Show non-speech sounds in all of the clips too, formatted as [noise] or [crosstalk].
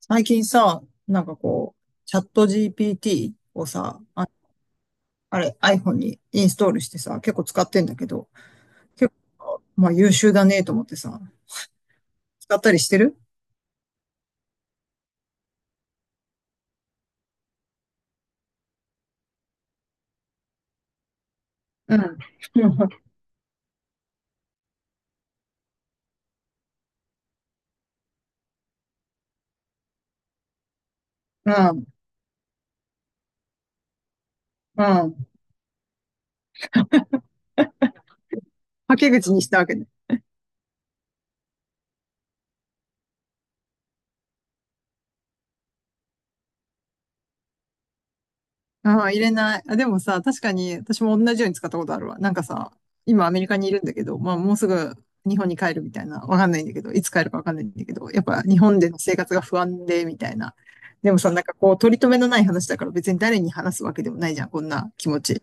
最近さ、なんかこう、チャット GPT をさ、あれ iPhone にインストールしてさ、結構使ってんだけど、結構、まあ優秀だねと思ってさ、使ったりしてる。うん。[laughs] うん。うん。うん。はけ口にしたわけね。ああ、入れない。あ、でもさ、確かに私も同じように使ったことあるわ。なんかさ、今アメリカにいるんだけど、まあもうすぐ日本に帰るみたいな、わかんないんだけど、いつ帰るかわかんないんだけど、やっぱ日本での生活が不安で、みたいな。でもさ、なんかこう、取り留めのない話だから別に誰に話すわけでもないじゃん、こんな気持ち。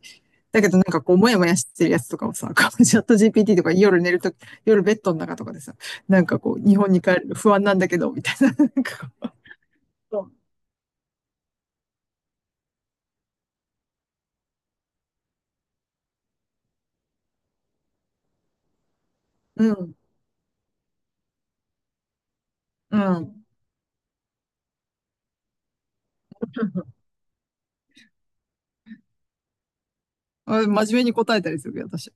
だけどなんかこう、もやもやしてるやつとかをさ、こう [laughs] チャット GPT とか夜寝るとき、夜ベッドの中とかでさ、なんかこう、日本に帰るの不安なんだけど、みたいな。なんかこう、うん、うん。あ、真面目に答えたりするけど、私。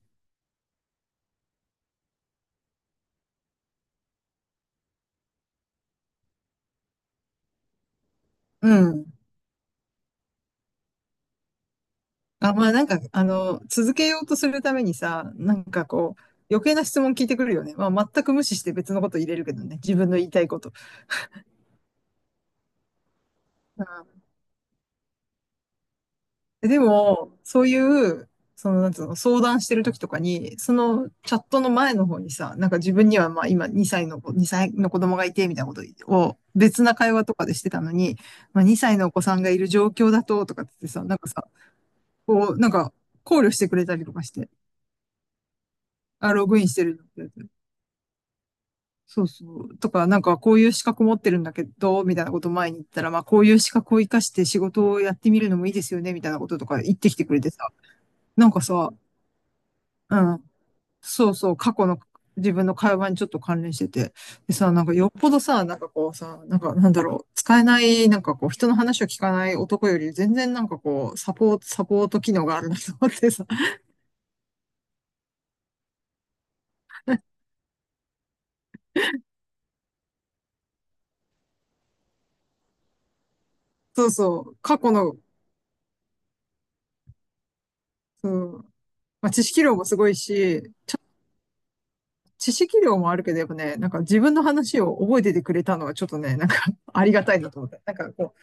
うん。あ、まあなんか、あの、続けようとするためにさ、なんかこう、余計な質問聞いてくるよね。まあ全く無視して別のこと入れるけどね。自分の言いたいこと。うん。でも、そういう、その、なんつうの、相談してる時とかに、そのチャットの前の方にさ、なんか自分にはまあ今2歳の子供がいて、みたいなことを別な会話とかでしてたのに、まあ2歳のお子さんがいる状況だと、とかってさ、なんかさ、こう、なんか考慮してくれたりとかして、あ、ログインしてる。そうそう。とか、なんかこういう資格持ってるんだけど、みたいなことを前に言ったら、まあこういう資格を活かして仕事をやってみるのもいいですよね、みたいなこととか言ってきてくれてさ。なんかさ、うん。そうそう、過去の自分の会話にちょっと関連してて。でさ、なんかよっぽどさ、なんかこうさ、なんかなんだろう、使えない、なんかこう人の話を聞かない男より全然なんかこう、サポート機能があるなと思ってさ。そうそう、過去の、うん。まあ知識量もすごいし、知識量もあるけど、やっぱね、なんか自分の話を覚えててくれたのはちょっとね、なんか [laughs] ありがたいなと思った。なんかこう、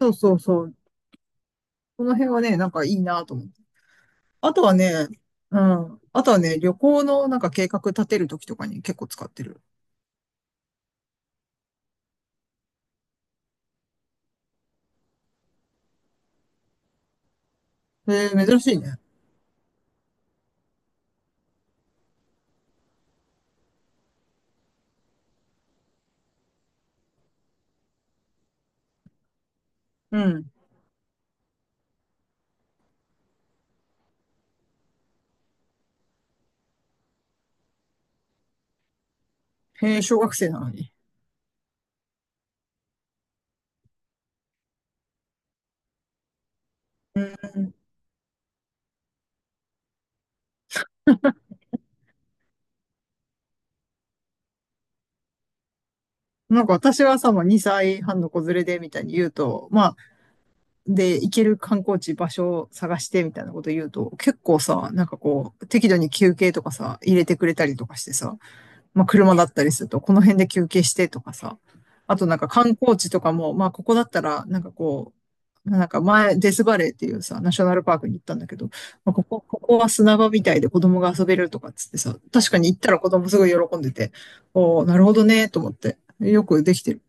そうそうそう。この辺はね、なんかいいなと思って。あとはね、うん。あとはね、旅行のなんか計画立てるときとかに結構使ってる。えー、珍しいね。うん。へえ、小学生なのに。なんか私はさ、もう2歳半の子連れでみたいに言うと、まあ、で、行ける観光地、場所を探してみたいなこと言うと、結構さ、なんかこう、適度に休憩とかさ、入れてくれたりとかしてさ、まあ、車だったりすると、この辺で休憩してとかさ、あとなんか観光地とかも、まあ、ここだったら、なんかこう、なんか前、デスバレーっていうさ、ナショナルパークに行ったんだけど、まあ、ここは砂場みたいで子供が遊べるとかっつってさ、確かに行ったら子供すごい喜んでて、おー、なるほどね、と思って。よくできてる。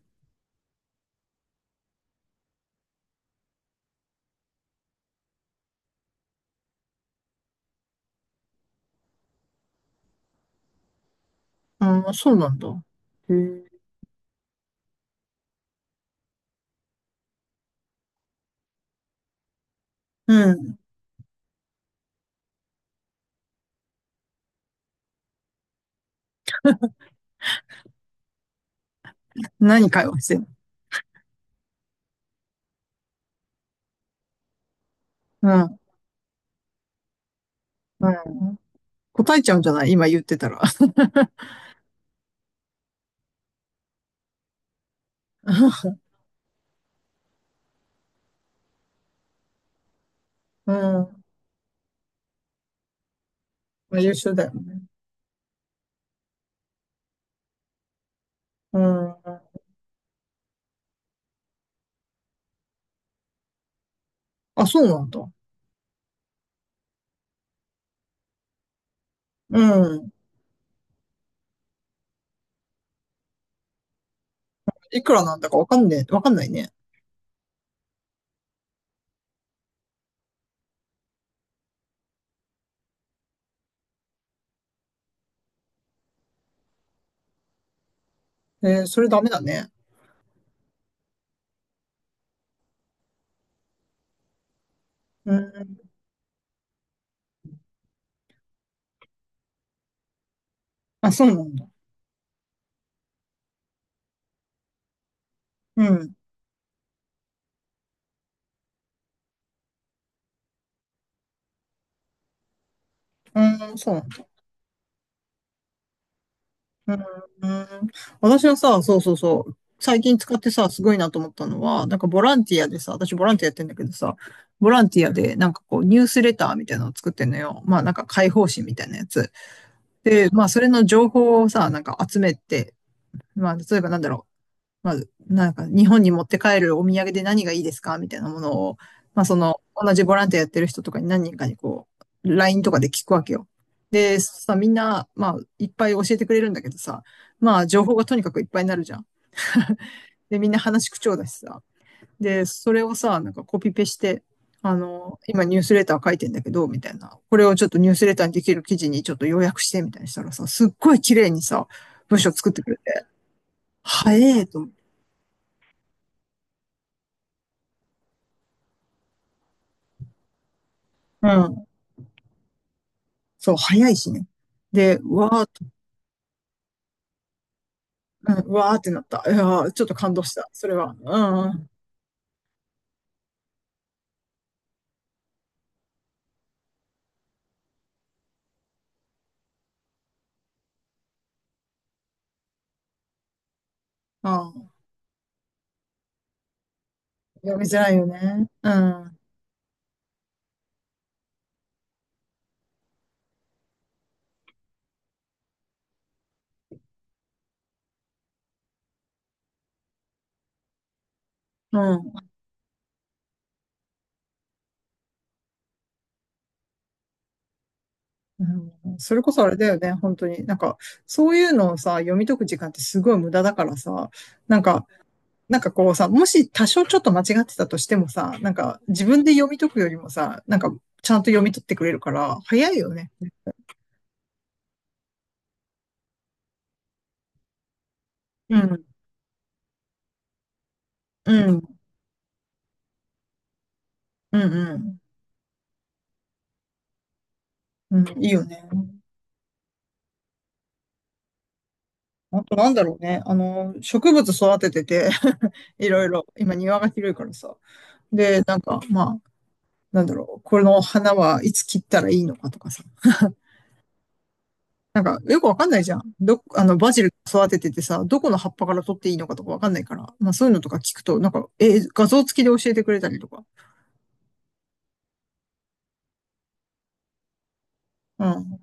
うん、そうなんだ。へー。うん。何会話してんの？うん、うん。答えちゃうんじゃない今言ってたら。[laughs] うん。まあ、優秀だよね。うん。あ、そうなんだ。うん。いくらなんだかわかんねえ、わかんないね。えー、それダメだね。うん。あ、そうなんだ。うん。うん、そうなんだ。うん。うん。私はさ、そうそうそう。最近使ってさ、すごいなと思ったのは、なんかボランティアでさ、私ボランティアやってんだけどさ、ボランティアでなんかこうニュースレターみたいなのを作ってんのよ。まあなんか解放誌みたいなやつ。で、まあそれの情報をさ、なんか集めて、まあ例えばなんだろう。まあ、なんか日本に持って帰るお土産で何がいいですかみたいなものを、まあその、同じボランティアやってる人とかに何人かにこう、LINE とかで聞くわけよ。で、さ、みんな、まあ、いっぱい教えてくれるんだけどさ、まあ、情報がとにかくいっぱいになるじゃん。[laughs] で、みんな話口調だしさ。で、それをさ、なんかコピペして、あの、今ニュースレター書いてんだけど、みたいな。これをちょっとニュースレターにできる記事にちょっと要約して、みたいにしたらさ、すっごい綺麗にさ、文章作ってくれて、早えと思って。うん。そう、早いしね。で、わーっと、うん、わーってなった。いやー、ちょっと感動した。それは。うん、うん。あー。読みづらいよね。うん。うん。うん。それこそあれだよね、本当に。なんか、そういうのをさ、読み解く時間ってすごい無駄だからさ、なんか、なんかこうさ、もし多少ちょっと間違ってたとしてもさ、なんか自分で読み解くよりもさ、なんかちゃんと読み取ってくれるから、早いよね。うん、うん、うん、うん、うん、いいよね。あとなんだろうね。あの、植物育ててて [laughs] いろいろ、今庭が広いからさ。で、なんか、まあ、なんだろう、この花はいつ切ったらいいのかとかさ。なんか、よくわかんないじゃん。あの、バジル育てててさ、どこの葉っぱから取っていいのかとかわかんないから。まあ、そういうのとか聞くと、なんか、え、画像付きで教えてくれたりとか。うん。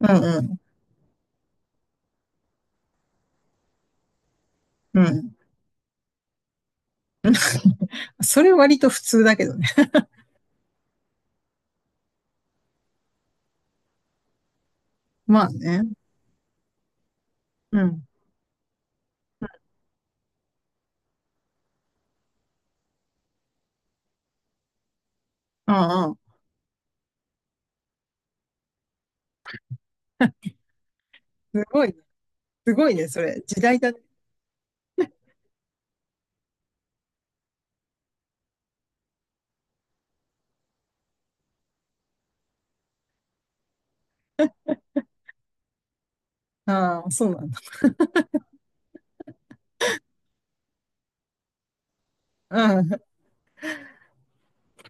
うんうん。うん。[laughs] それ割と普通だけどね。まあね。うん。うんうん。すごいね。すごいね、それ。時代だね。ああ、そうなんだ。うん。